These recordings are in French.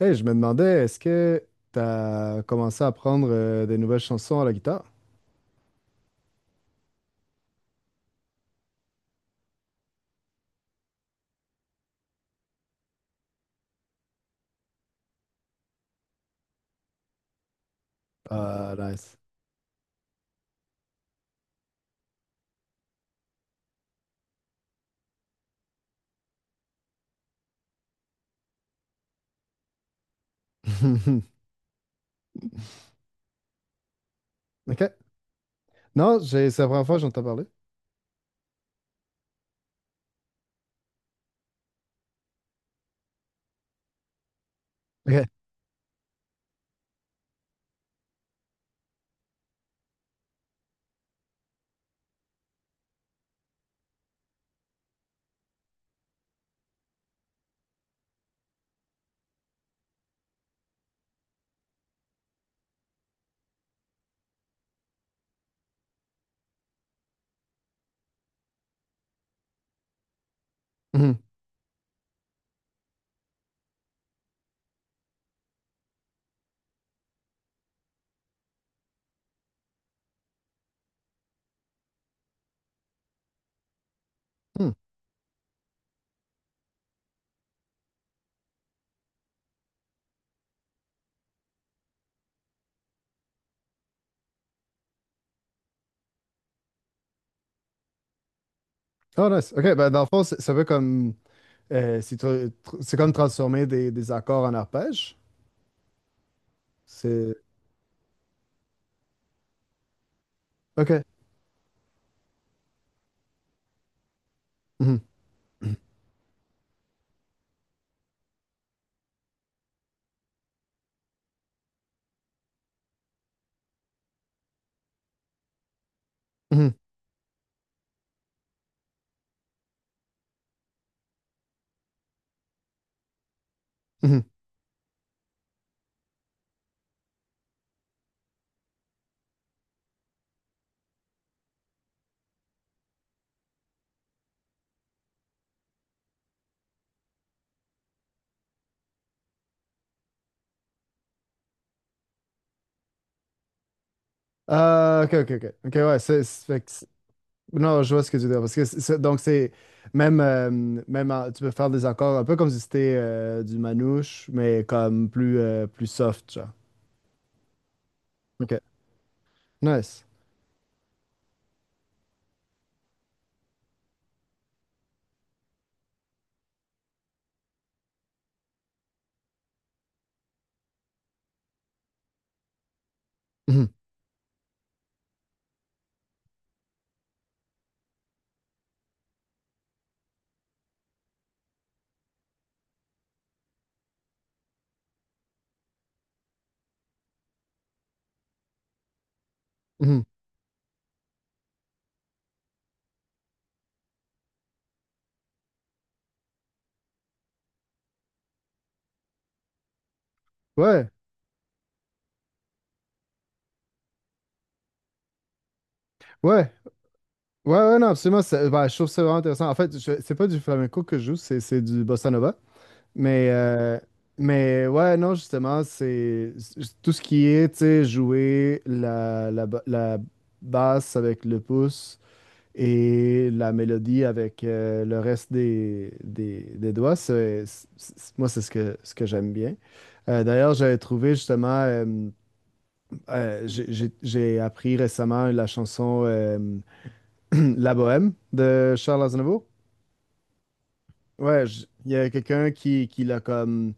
Hey, je me demandais, est-ce que tu as commencé à apprendre des nouvelles chansons à la guitare? Ah, nice. OK. Non, c'est la première fois que j'entends parler. OK. Mhm. Hmm. Ah, nice. OK, ben, dans le fond, c'est- ça veut comme. C'est comme transformer des accords en arpèges. C'est. OK. Mhm. Mhm. Mhm. Ah, OK, OK, OK. OK, ouais, Non, je vois ce que tu veux dire. Parce que c'est- donc, c'est. Même, euh, même, tu peux faire des accords un peu comme si c'était du manouche, mais comme plus, plus soft, genre. OK. Nice. Mhm. Mhm. Ouais, ouais. Ouais, ouais, non, absolument. Ben, je trouve ça vraiment intéressant. En fait, c'est pas du flamenco que je joue, c'est du bossa nova. Mais, euh, mais ouais, non, justement, tout ce qui est, tu sais, jouer la basse avec le pouce et la mélodie avec le reste des doigts, moi, c'est ce que j'aime bien. D'ailleurs, j'avais trouvé justement, j'ai appris récemment la chanson La Bohème de Charles Aznavour. Ouais, il y a quelqu'un qui l'a comme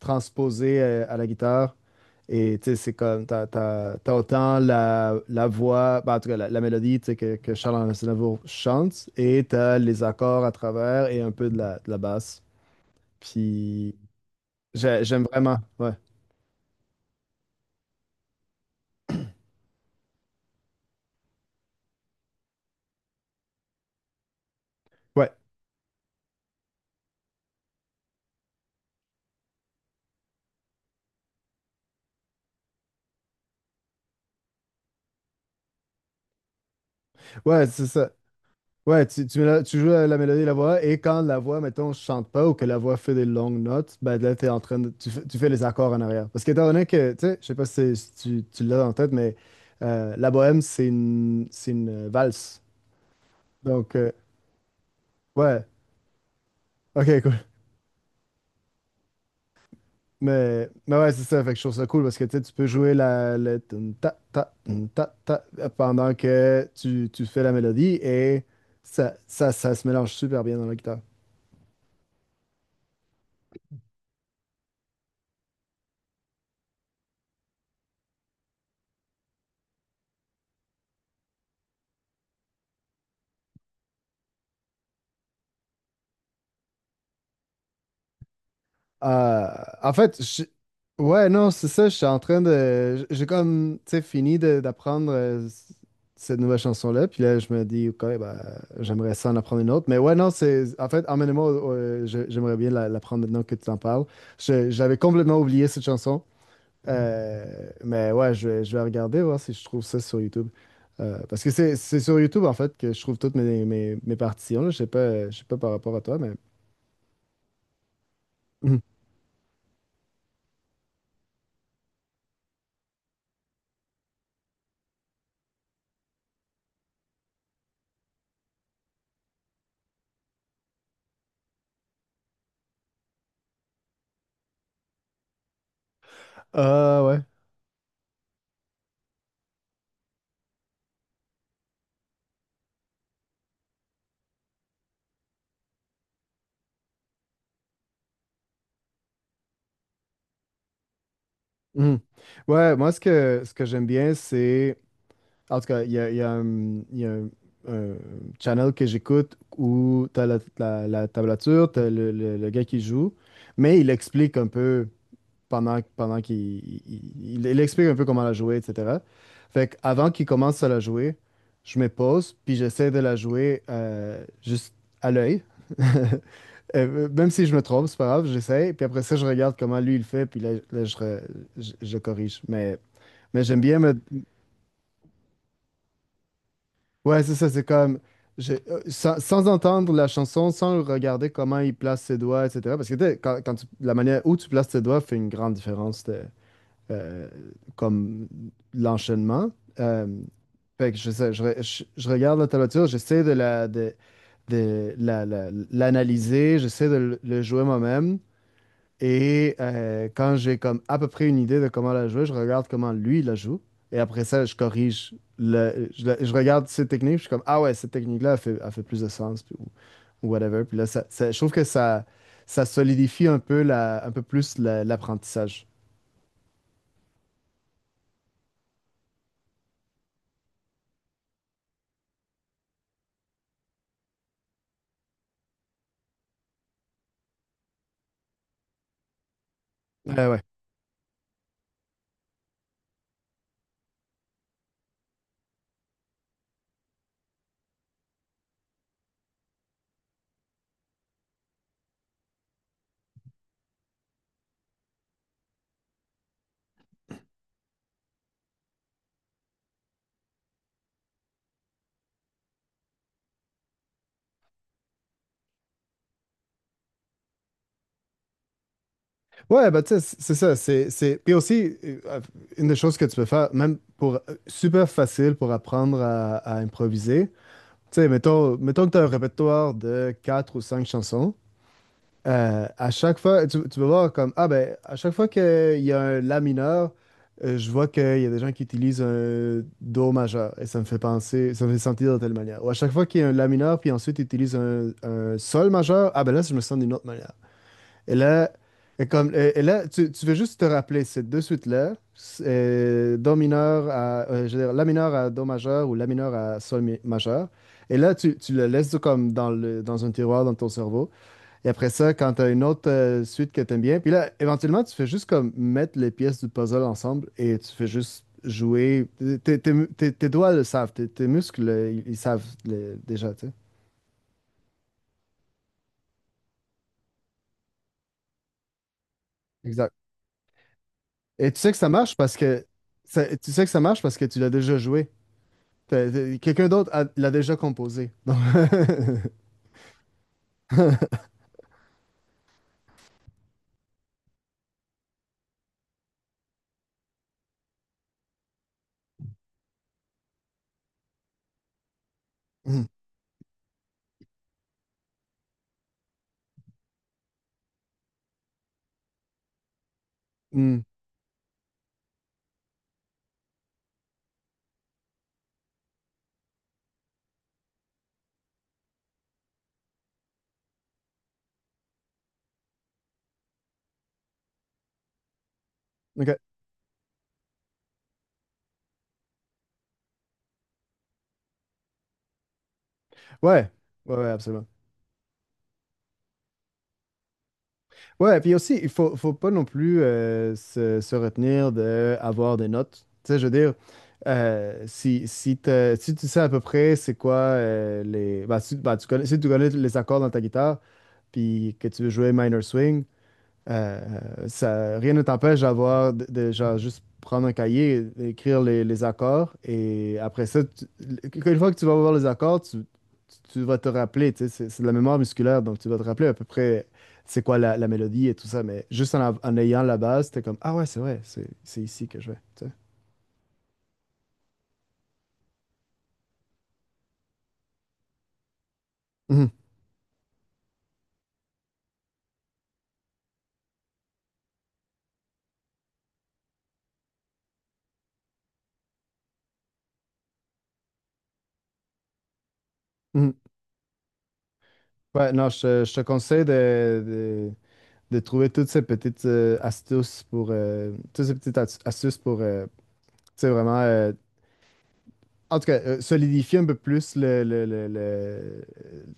transposé à la guitare. Et tu sais, c'est comme, t'as autant la voix, ben, en tout cas la mélodie tu sais, que Charles Aznavour chante, et t'as les accords à travers et un peu de de la basse. Puis j'aime vraiment, ouais. Ouais, ouais, c'est ça. Ouais, tu joues la mélodie et la voix, et quand la voix, mettons, chante pas ou que la voix fait des longues notes, ben là, t'es en train de, tu fais les accords en arrière. Parce qu'étant donné que, tu sais, je sais pas si, si tu l'as en tête, mais la bohème, c'est une valse. Donc, ouais, ok, cool. Mais ouais, c'est ça, fait que je trouve ça cool parce que, tu sais, tu peux jouer la, le tum, ta, ta, pendant que tu fais la mélodie et ça se mélange super bien dans la guitare. Euh, en fait, je- ouais, non, c'est ça, je suis en train de... J'ai comme, tu sais, d'apprendre cette nouvelle chanson-là, puis là, je me dis, OK, ben, j'aimerais ça en apprendre une autre. Mais ouais, non, c'est... En fait, emmène-moi, j'aimerais bien l'apprendre maintenant que tu t'en parles. J'avais complètement oublié cette chanson. Mais ouais, je vais regarder, voir si je trouve ça sur YouTube. Parce que c'est sur YouTube, en fait, que je trouve toutes mes partitions, là. Je sais pas par rapport à toi, mais... Ah. Mhm. Ouais, moi, ce que j'aime bien, c'est. En tout cas, il y a un channel que j'écoute où t'as la tablature, t'as le gars qui joue, mais il explique un peu pendant, il explique un peu comment la jouer, etc. Fait que avant qu'il commence à la jouer, je me pose, puis j'essaie de la jouer juste à l'œil. Même si je me trompe, c'est pas grave, j'essaie. Puis après ça, je regarde comment lui il fait, puis là, je corrige. Mais j'aime bien me. Ouais, c'est ça, c'est comme. Sans entendre la chanson, sans regarder comment il place ses doigts, etc. Parce que tu sais, quand la manière où tu places tes doigts fait une grande différence. Euh, comme l'enchaînement. Euh, fait que je, sais- je, re- je- Je regarde la tablature, j'essaie de la- la- l'analyser, j'essaie de le jouer moi-même. Et quand j'ai comme à peu près une idée de comment la jouer, je regarde comment lui la joue. Et après ça, je corrige le, je, la- je regarde ses techniques, je suis comme, ah ouais, cette technique-là, elle fait plus de sens, ou whatever. Puis là, je trouve que ça solidifie un peu un peu plus l'apprentissage. Mm. Ouais. Ouais, bah, tu sais, c'est ça. Puis aussi, une des choses que tu peux faire, même pour super facile pour apprendre à improviser, tu sais, mettons, mettons que tu as un répertoire de quatre ou cinq chansons. À chaque fois, tu vas voir comme, ah ben, à chaque fois qu'il y a un la mineur, je vois qu'il y a des gens qui utilisent un do majeur et ça me fait penser, ça me fait sentir de telle manière. Ou à chaque fois qu'il y a un la mineur, puis ensuite ils utilisent un sol majeur, ah ben là, je me sens d'une autre manière. Et et là tu veux juste te rappeler ces deux suites-là, c'est, Do mineur à, je veux dire, La mineur à Do majeur ou La mineur à majeur. Et là, tu le laisses comme dans, le, dans un tiroir dans ton cerveau. Et après ça, quand tu as une autre suite que tu aimes bien, puis là, éventuellement, tu fais juste comme mettre les pièces du puzzle ensemble et tu fais juste jouer. Tes doigts le savent, tes muscles, ils savent déjà, tu sais. Exact. Et tu sais que ça marche parce que tu sais que ça marche parce que tu l'as déjà joué. Quelqu'un d'autre l'a déjà composé. Donc, Hmm. Hmm. OK. Ouais. Ouais, ouais, absolument. Ouais, puis aussi, faut pas non plus se retenir d'avoir des notes. Tu sais, je veux dire, si tu sais à peu près c'est quoi les. Bah, si, bah, si tu connais les accords dans ta guitare, puis que tu veux jouer minor swing. Euh, Ça, rien ne t'empêche d'avoir, genre, juste prendre un cahier, écrire les accords, et après ça, une fois que tu vas voir les accords, tu- vas te rappeler, tu sais, c'est de la mémoire musculaire, donc tu vas te rappeler à peu près c'est quoi la mélodie et tout ça, mais juste en, en ayant la base, t'es comme, ah ouais, c'est vrai, c'est ici que je vais, tu sais. Mhm. Mhm. Ouais, non, je te conseille de, de trouver toutes ces petites astuces pour, toutes ces petites astuces pour, tu sais, vraiment en tout cas, solidifier un peu plus le, le- le- le-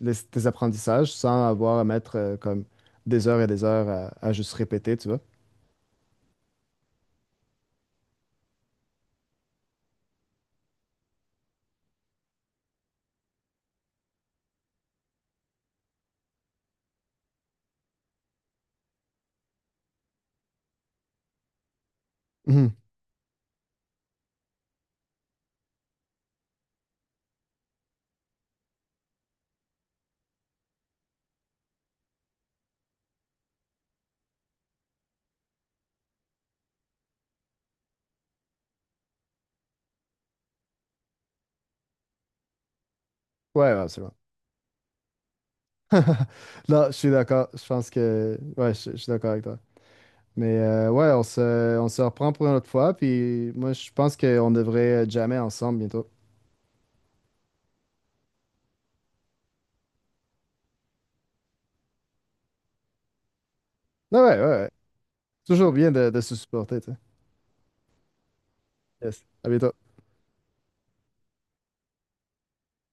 le- tes apprentissages sans avoir à mettre comme des heures et des heures à juste répéter, tu vois. Mhm. Ouais, ouais, absolument. Là, je suis d'accord. Je pense que... Ouais, je suis d'accord avec toi. Mais ouais, on se reprend pour une autre fois. Puis moi, je pense qu'on devrait jamais ensemble bientôt. Ah ouais, ouais, ouais. Toujours bien de se supporter, tu sais. Yes. À bientôt.